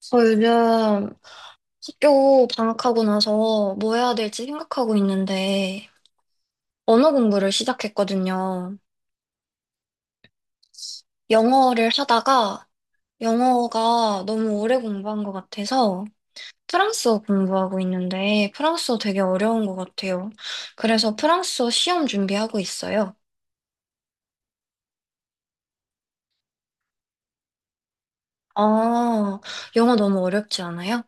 저 요즘 학교 방학하고 나서 뭐 해야 될지 생각하고 있는데, 언어 공부를 시작했거든요. 영어를 하다가 영어가 너무 오래 공부한 것 같아서 프랑스어 공부하고 있는데, 프랑스어 되게 어려운 것 같아요. 그래서 프랑스어 시험 준비하고 있어요. 아, 영어 너무 어렵지 않아요?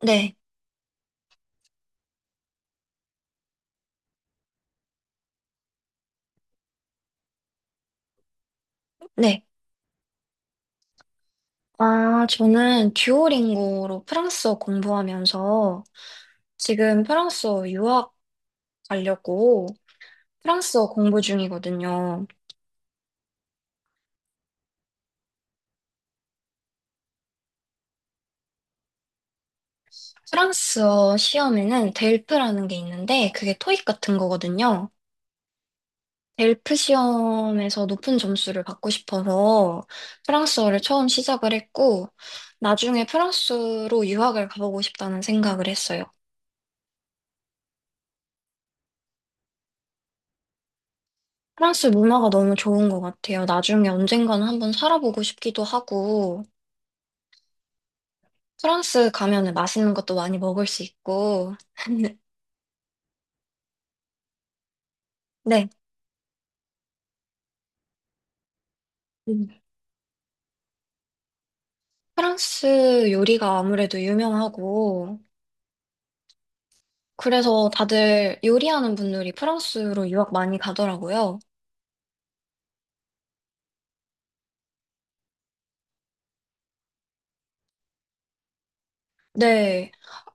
네, 네. 아, 저는 듀오링고로 프랑스어 공부하면서 지금 프랑스어 유학 가려고 프랑스어 공부 중이거든요. 프랑스어 시험에는 델프라는 게 있는데 그게 토익 같은 거거든요. 델프 시험에서 높은 점수를 받고 싶어서 프랑스어를 처음 시작을 했고 나중에 프랑스로 유학을 가보고 싶다는 생각을 했어요. 프랑스 문화가 너무 좋은 것 같아요. 나중에 언젠가는 한번 살아보고 싶기도 하고 프랑스 가면은 맛있는 것도 많이 먹을 수 있고 네. 프랑스 요리가 아무래도 유명하고, 그래서 다들 요리하는 분들이 프랑스로 유학 많이 가더라고요. 네,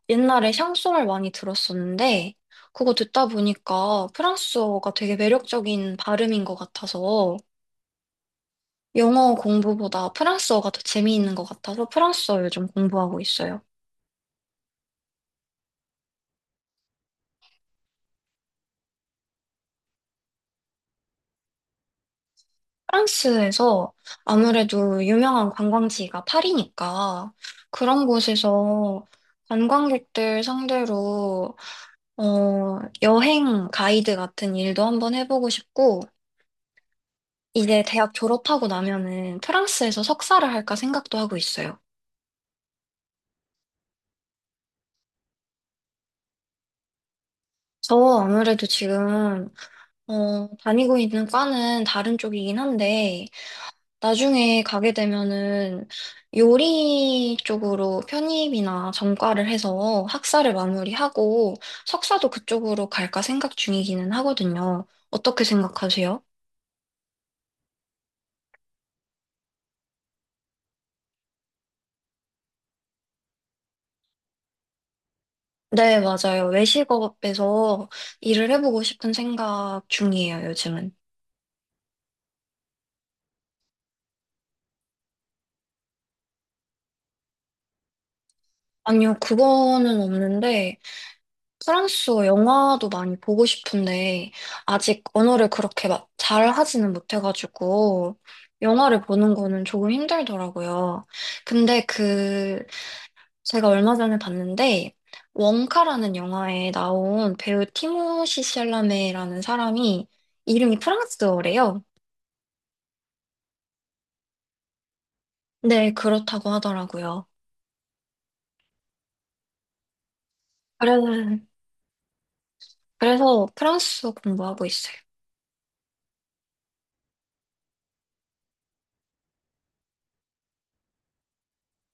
옛날에 샹송을 많이 들었었는데, 그거 듣다 보니까 프랑스어가 되게 매력적인 발음인 것 같아서, 영어 공부보다 프랑스어가 더 재미있는 것 같아서 프랑스어 요즘 공부하고 있어요. 프랑스에서 아무래도 유명한 관광지가 파리니까 그런 곳에서 관광객들 상대로 여행 가이드 같은 일도 한번 해보고 싶고, 이제 대학 졸업하고 나면은 프랑스에서 석사를 할까 생각도 하고 있어요. 저 아무래도 지금, 다니고 있는 과는 다른 쪽이긴 한데, 나중에 가게 되면은 요리 쪽으로 편입이나 전과를 해서 학사를 마무리하고 석사도 그쪽으로 갈까 생각 중이기는 하거든요. 어떻게 생각하세요? 네, 맞아요. 외식업에서 일을 해보고 싶은 생각 중이에요, 요즘은. 아니요, 그거는 없는데, 프랑스어 영화도 많이 보고 싶은데, 아직 언어를 그렇게 막 잘 하지는 못해가지고, 영화를 보는 거는 조금 힘들더라고요. 근데 그, 제가 얼마 전에 봤는데, 원카라는 영화에 나온 배우 티모시 샬라메라는 사람이 이름이 프랑스어래요. 네, 그렇다고 하더라고요. 그래서, 그래서 프랑스어 공부하고 있어요.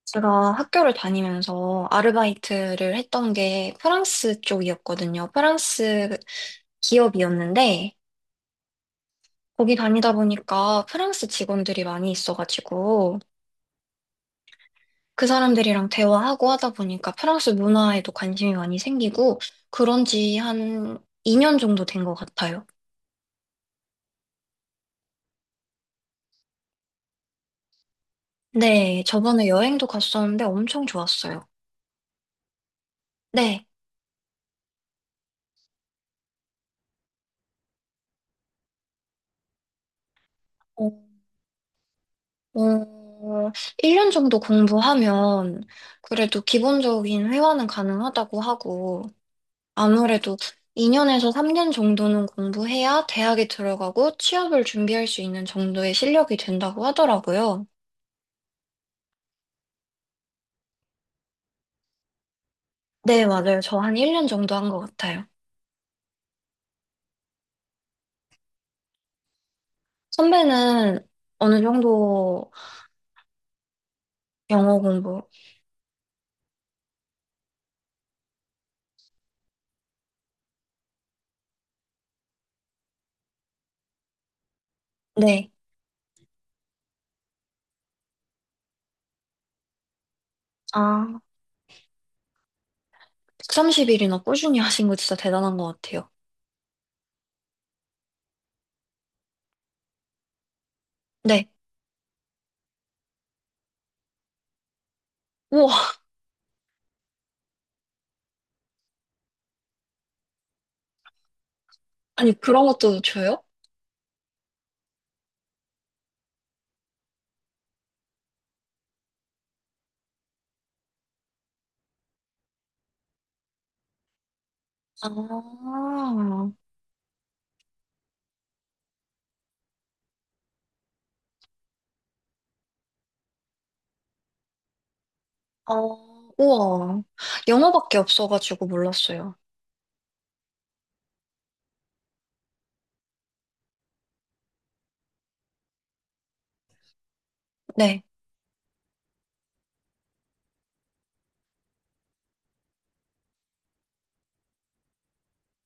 제가 학교를 다니면서 아르바이트를 했던 게 프랑스 쪽이었거든요. 프랑스 기업이었는데, 거기 다니다 보니까 프랑스 직원들이 많이 있어가지고, 그 사람들이랑 대화하고 하다 보니까 프랑스 문화에도 관심이 많이 생기고, 그런 지 한 2년 정도 된 것 같아요. 네, 저번에 여행도 갔었는데 엄청 좋았어요. 네. 어, 어, 1년 정도 공부하면 그래도 기본적인 회화는 가능하다고 하고 아무래도 2년에서 3년 정도는 공부해야 대학에 들어가고 취업을 준비할 수 있는 정도의 실력이 된다고 하더라고요. 네, 맞아요. 저 한 1년 정도 한 것 같아요. 선배는 어느 정도 영어 공부? 네. 아, 130일이나 꾸준히 하신 거 진짜 대단한 것 같아요. 네. 우와, 아니 그런 것도 줘요? 아. 어, 우와. 영어밖에 없어가지고 몰랐어요. 네,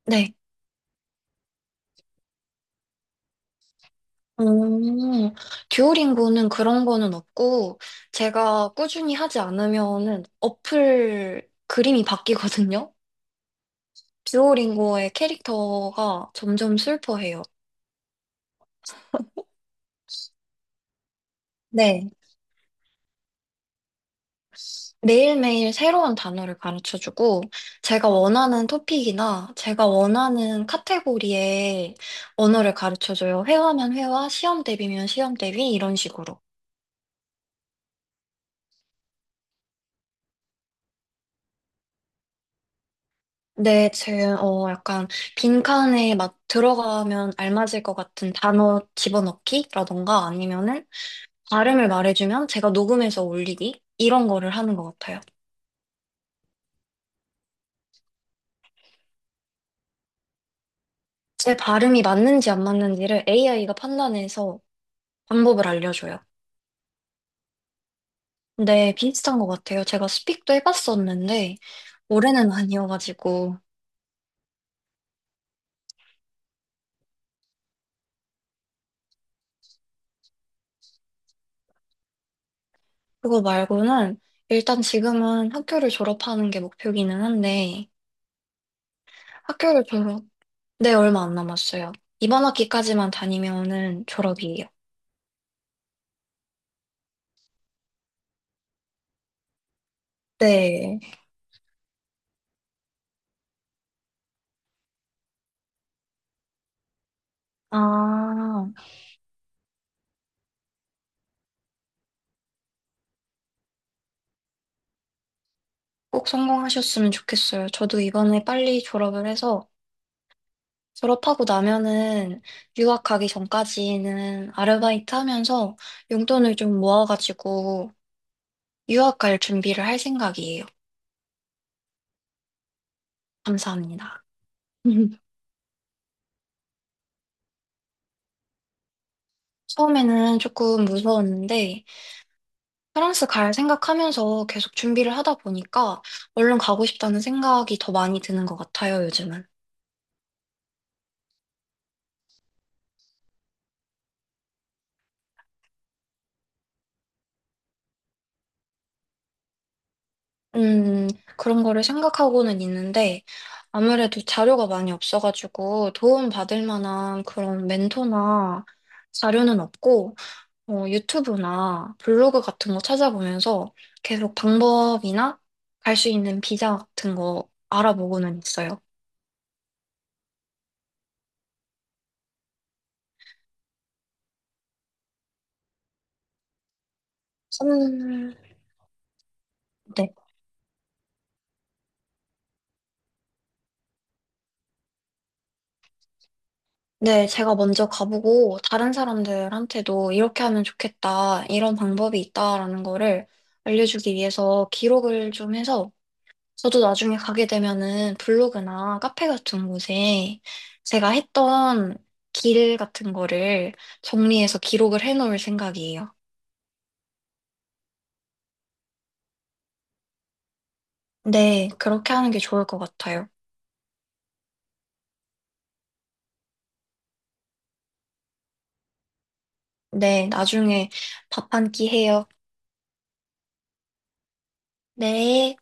네. 음, 듀오링고는 그런 거는 없고, 제가 꾸준히 하지 않으면은 어플 그림이 바뀌거든요? 듀오링고의 캐릭터가 점점 슬퍼해요. 네. 매일매일 새로운 단어를 가르쳐주고, 제가 원하는 토픽이나 제가 원하는 카테고리의 언어를 가르쳐줘요. 회화면 회화, 시험 대비면 시험 대비, 이런 식으로. 네, 제, 어, 약간, 빈칸에 막 들어가면 알맞을 것 같은 단어 집어넣기라던가 아니면은 발음을 말해주면 제가 녹음해서 올리기? 이런 거를 하는 것 같아요. 제 발음이 맞는지 안 맞는지를 AI가 판단해서 방법을 알려줘요. 근데 비슷한 것 같아요. 제가 스픽도 해봤었는데, 올해는 아니어가지고, 그거 말고는 일단 지금은 학교를 졸업하는 게 목표기는 한데, 학교를 졸업, 네, 얼마 안 남았어요. 이번 학기까지만 다니면은 졸업이에요. 네. 아, 꼭 성공하셨으면 좋겠어요. 저도 이번에 빨리 졸업을 해서 졸업하고 나면은 유학 가기 전까지는 아르바이트 하면서 용돈을 좀 모아가지고 유학 갈 준비를 할 생각이에요. 감사합니다. 처음에는 조금 무서웠는데 프랑스 갈 생각하면서 계속 준비를 하다 보니까 얼른 가고 싶다는 생각이 더 많이 드는 것 같아요, 요즘은. 음, 그런 거를 생각하고는 있는데, 아무래도 자료가 많이 없어가지고 도움 받을 만한 그런 멘토나 자료는 없고, 유튜브나 블로그 같은 거 찾아보면서 계속 방법이나 갈 수 있는 비자 같은 거 알아보고는 있어요. 음, 네. 네, 제가 먼저 가보고 다른 사람들한테도 이렇게 하면 좋겠다, 이런 방법이 있다라는 거를 알려주기 위해서 기록을 좀 해서 저도 나중에 가게 되면은 블로그나 카페 같은 곳에 제가 했던 길 같은 거를 정리해서 기록을 해놓을 생각이에요. 네, 그렇게 하는 게 좋을 것 같아요. 네, 나중에 밥 한 끼 해요. 네.